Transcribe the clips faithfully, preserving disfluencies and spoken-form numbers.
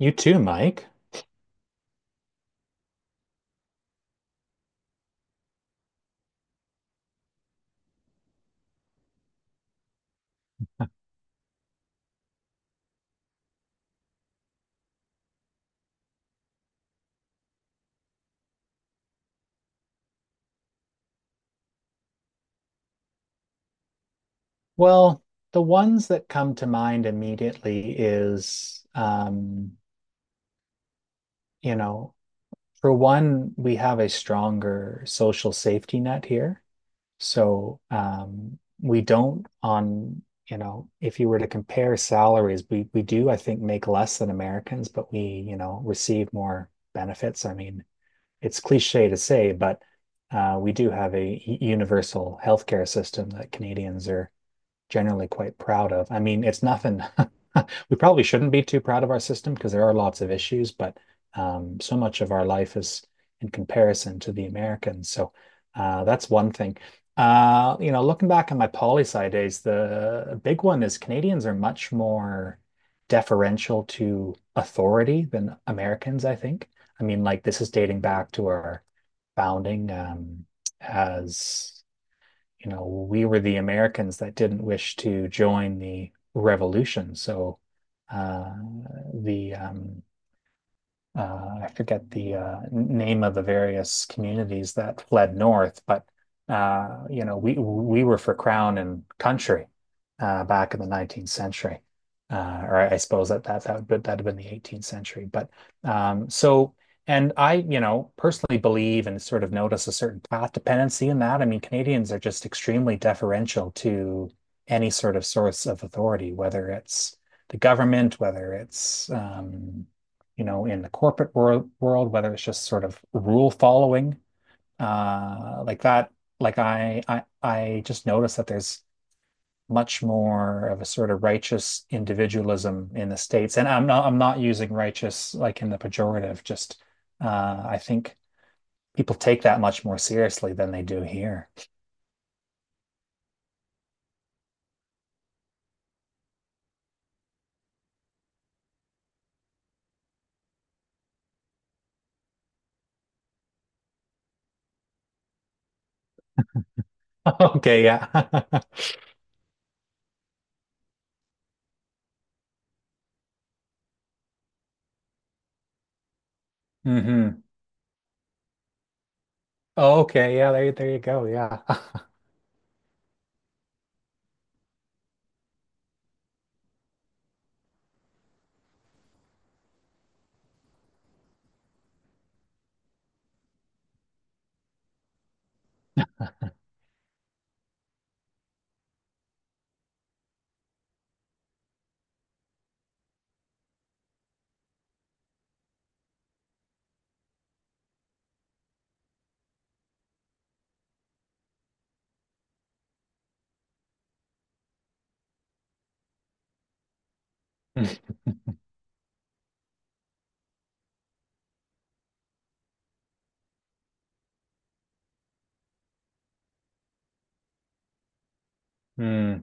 You too, Mike. Well, the ones that come to mind immediately is, um, you know, for one, we have a stronger social safety net here. So, um, we don't on, you know, if you were to compare salaries, we we do, I think, make less than Americans, but we, you know, receive more benefits. I mean, it's cliche to say, but uh, we do have a universal healthcare system that Canadians are generally quite proud of. I mean, it's nothing. We probably shouldn't be too proud of our system because there are lots of issues, but um, so much of our life is in comparison to the Americans. So uh, that's one thing. Uh, you know, looking back on my poli sci days, the big one is Canadians are much more deferential to authority than Americans, I think. I mean, like this is dating back to our founding, um, as you know, we were the Americans that didn't wish to join the revolution. So, uh, the um, uh, I forget the uh, name of the various communities that fled north, but uh, you know, we we were for crown and country uh, back in the nineteenth century, uh, or I suppose that that that would be, that'd have been the eighteenth century. But um, so, and I, you know, personally believe and sort of notice a certain path dependency in that. I mean, Canadians are just extremely deferential to any sort of source of authority, whether it's the government, whether it's, um, you know, in the corporate world, world, whether it's just sort of rule following. uh, like that, like I, I, I just noticed that there's much more of a sort of righteous individualism in the States. And I'm not, I'm not using righteous like in the pejorative, just, uh, I think people take that much more seriously than they do here. Okay, yeah. Hmm. Okay, yeah, there, there you go. Yeah. Mm,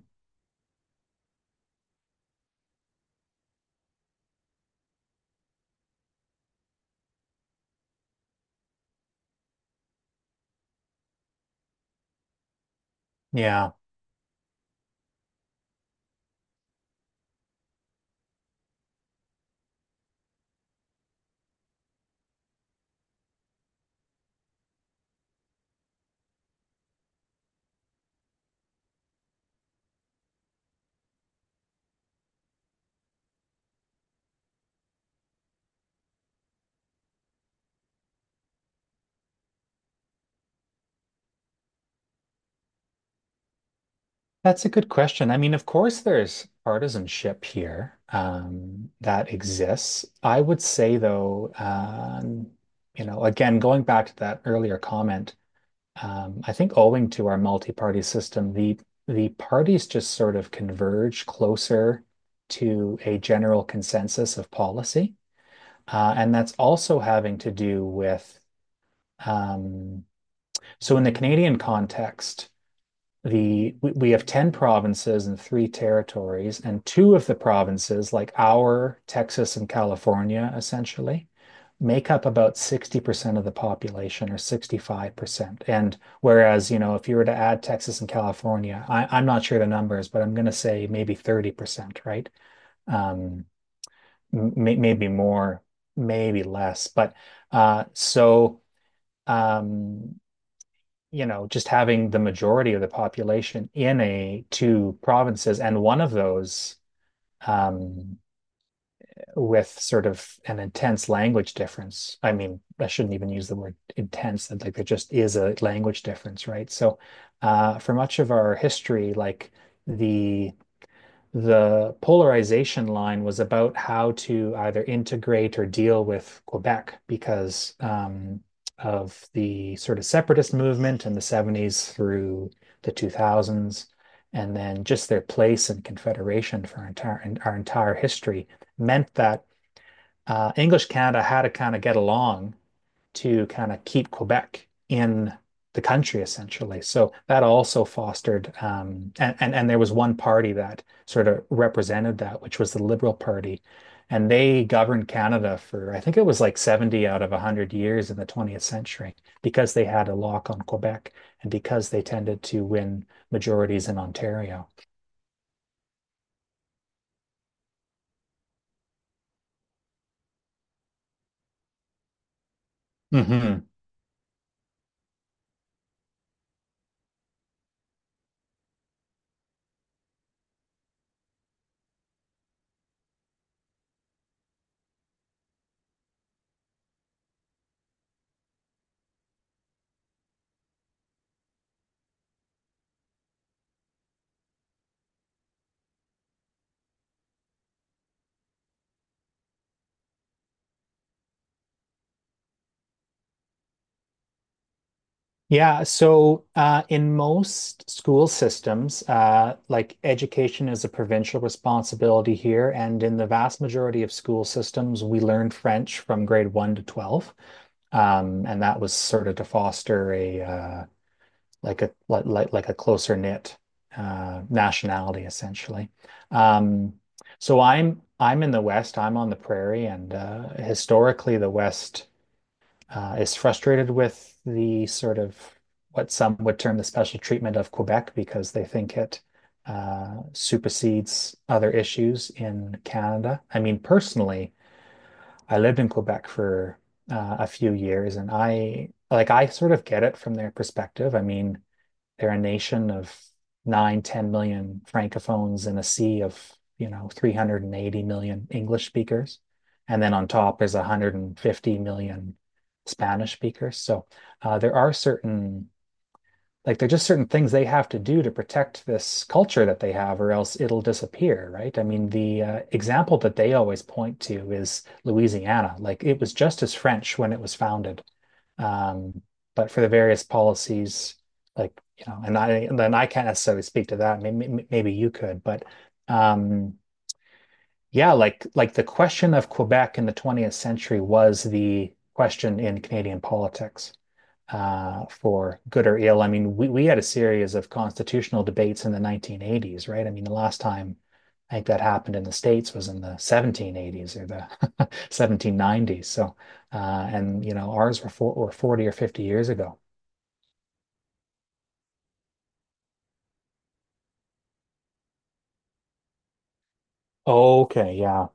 yeah. That's a good question. I mean, of course, there's partisanship here, um, that exists. I would say, though, um, you know, again, going back to that earlier comment, um, I think owing to our multi-party system, the the parties just sort of converge closer to a general consensus of policy, uh, and that's also having to do with. Um, so in the Canadian context, the we, we have ten provinces and three territories, and two of the provinces, like our Texas and California, essentially, make up about sixty percent of the population or sixty-five percent. And whereas, you know, if you were to add Texas and California, I, I'm not sure the numbers, but I'm going to say maybe thirty percent, right? Um, may, maybe more, maybe less. But uh, so um, you know, just having the majority of the population in a two provinces, and one of those, um, with sort of an intense language difference. I mean, I shouldn't even use the word intense, that like there just is a language difference, right? So uh, for much of our history, like the the polarization line was about how to either integrate or deal with Quebec, because um, of the sort of separatist movement in the seventies through the two thousands, and then just their place in Confederation for our entire, our entire history meant that uh, English Canada had to kind of get along to kind of keep Quebec in the country essentially. So that also fostered, um, and, and and there was one party that sort of represented that, which was the Liberal Party, and they governed Canada for, I think, it was like seventy out of a hundred years in the twentieth century because they had a lock on Quebec and because they tended to win majorities in Ontario. Mhm. Yeah, so uh, in most school systems, uh, like education is a provincial responsibility here, and in the vast majority of school systems, we learn French from grade one to twelve. Um, and that was sort of to foster a uh, like a like, like like a closer knit uh, nationality essentially. Um, so I'm I'm in the West, I'm on the prairie, and uh, historically the West uh, is frustrated with the sort of what some would term the special treatment of Quebec because they think it uh, supersedes other issues in Canada. I mean, personally, I lived in Quebec for uh, a few years, and I like I sort of get it from their perspective. I mean, they're a nation of nine, ten million francophones in a sea of, you know, three hundred eighty million English speakers. And then on top is one hundred fifty million Spanish speakers. So uh, there are certain, like, there're just certain things they have to do to protect this culture that they have, or else it'll disappear, right? I mean, the uh, example that they always point to is Louisiana. Like it was just as French when it was founded, um, but for the various policies, like, you know, and I and then I can't necessarily speak to that. Maybe maybe you could, but um, yeah, like like the question of Quebec in the twentieth century was the question in Canadian politics, uh, for good or ill. I mean, we, we had a series of constitutional debates in the nineteen eighties, right? I mean, the last time I think that happened in the States was in the seventeen eighties or the seventeen nineties. So, uh, and you know, ours were, for, were forty or fifty years ago. Okay, yeah.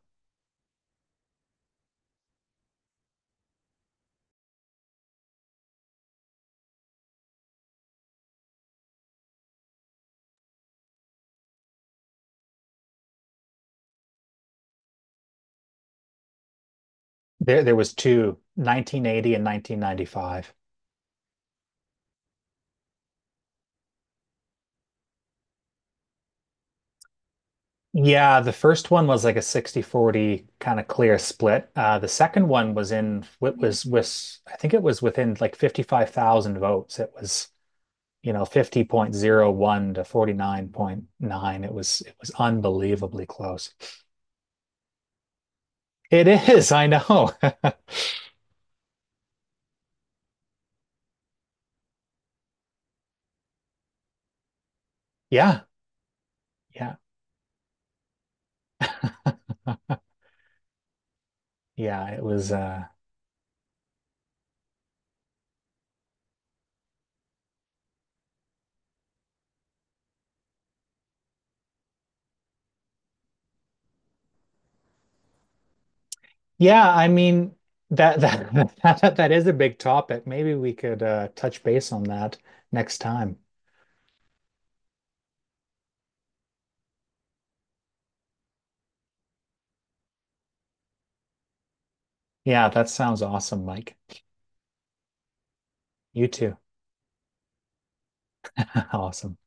There, there was two, nineteen eighty and nineteen ninety-five. Yeah, the first one was like a sixty forty kind of clear split. Uh, the second one was in, it was, was, I think it was within like fifty-five thousand votes. It was, you know, fifty point zero one to forty-nine point nine. It was it was unbelievably close. It is, I know. Yeah, yeah. Huh. Yeah, it was, uh yeah, I mean that that, that, that is a big topic. Maybe we could uh touch base on that next time. Yeah, that sounds awesome, Mike. You too. Awesome.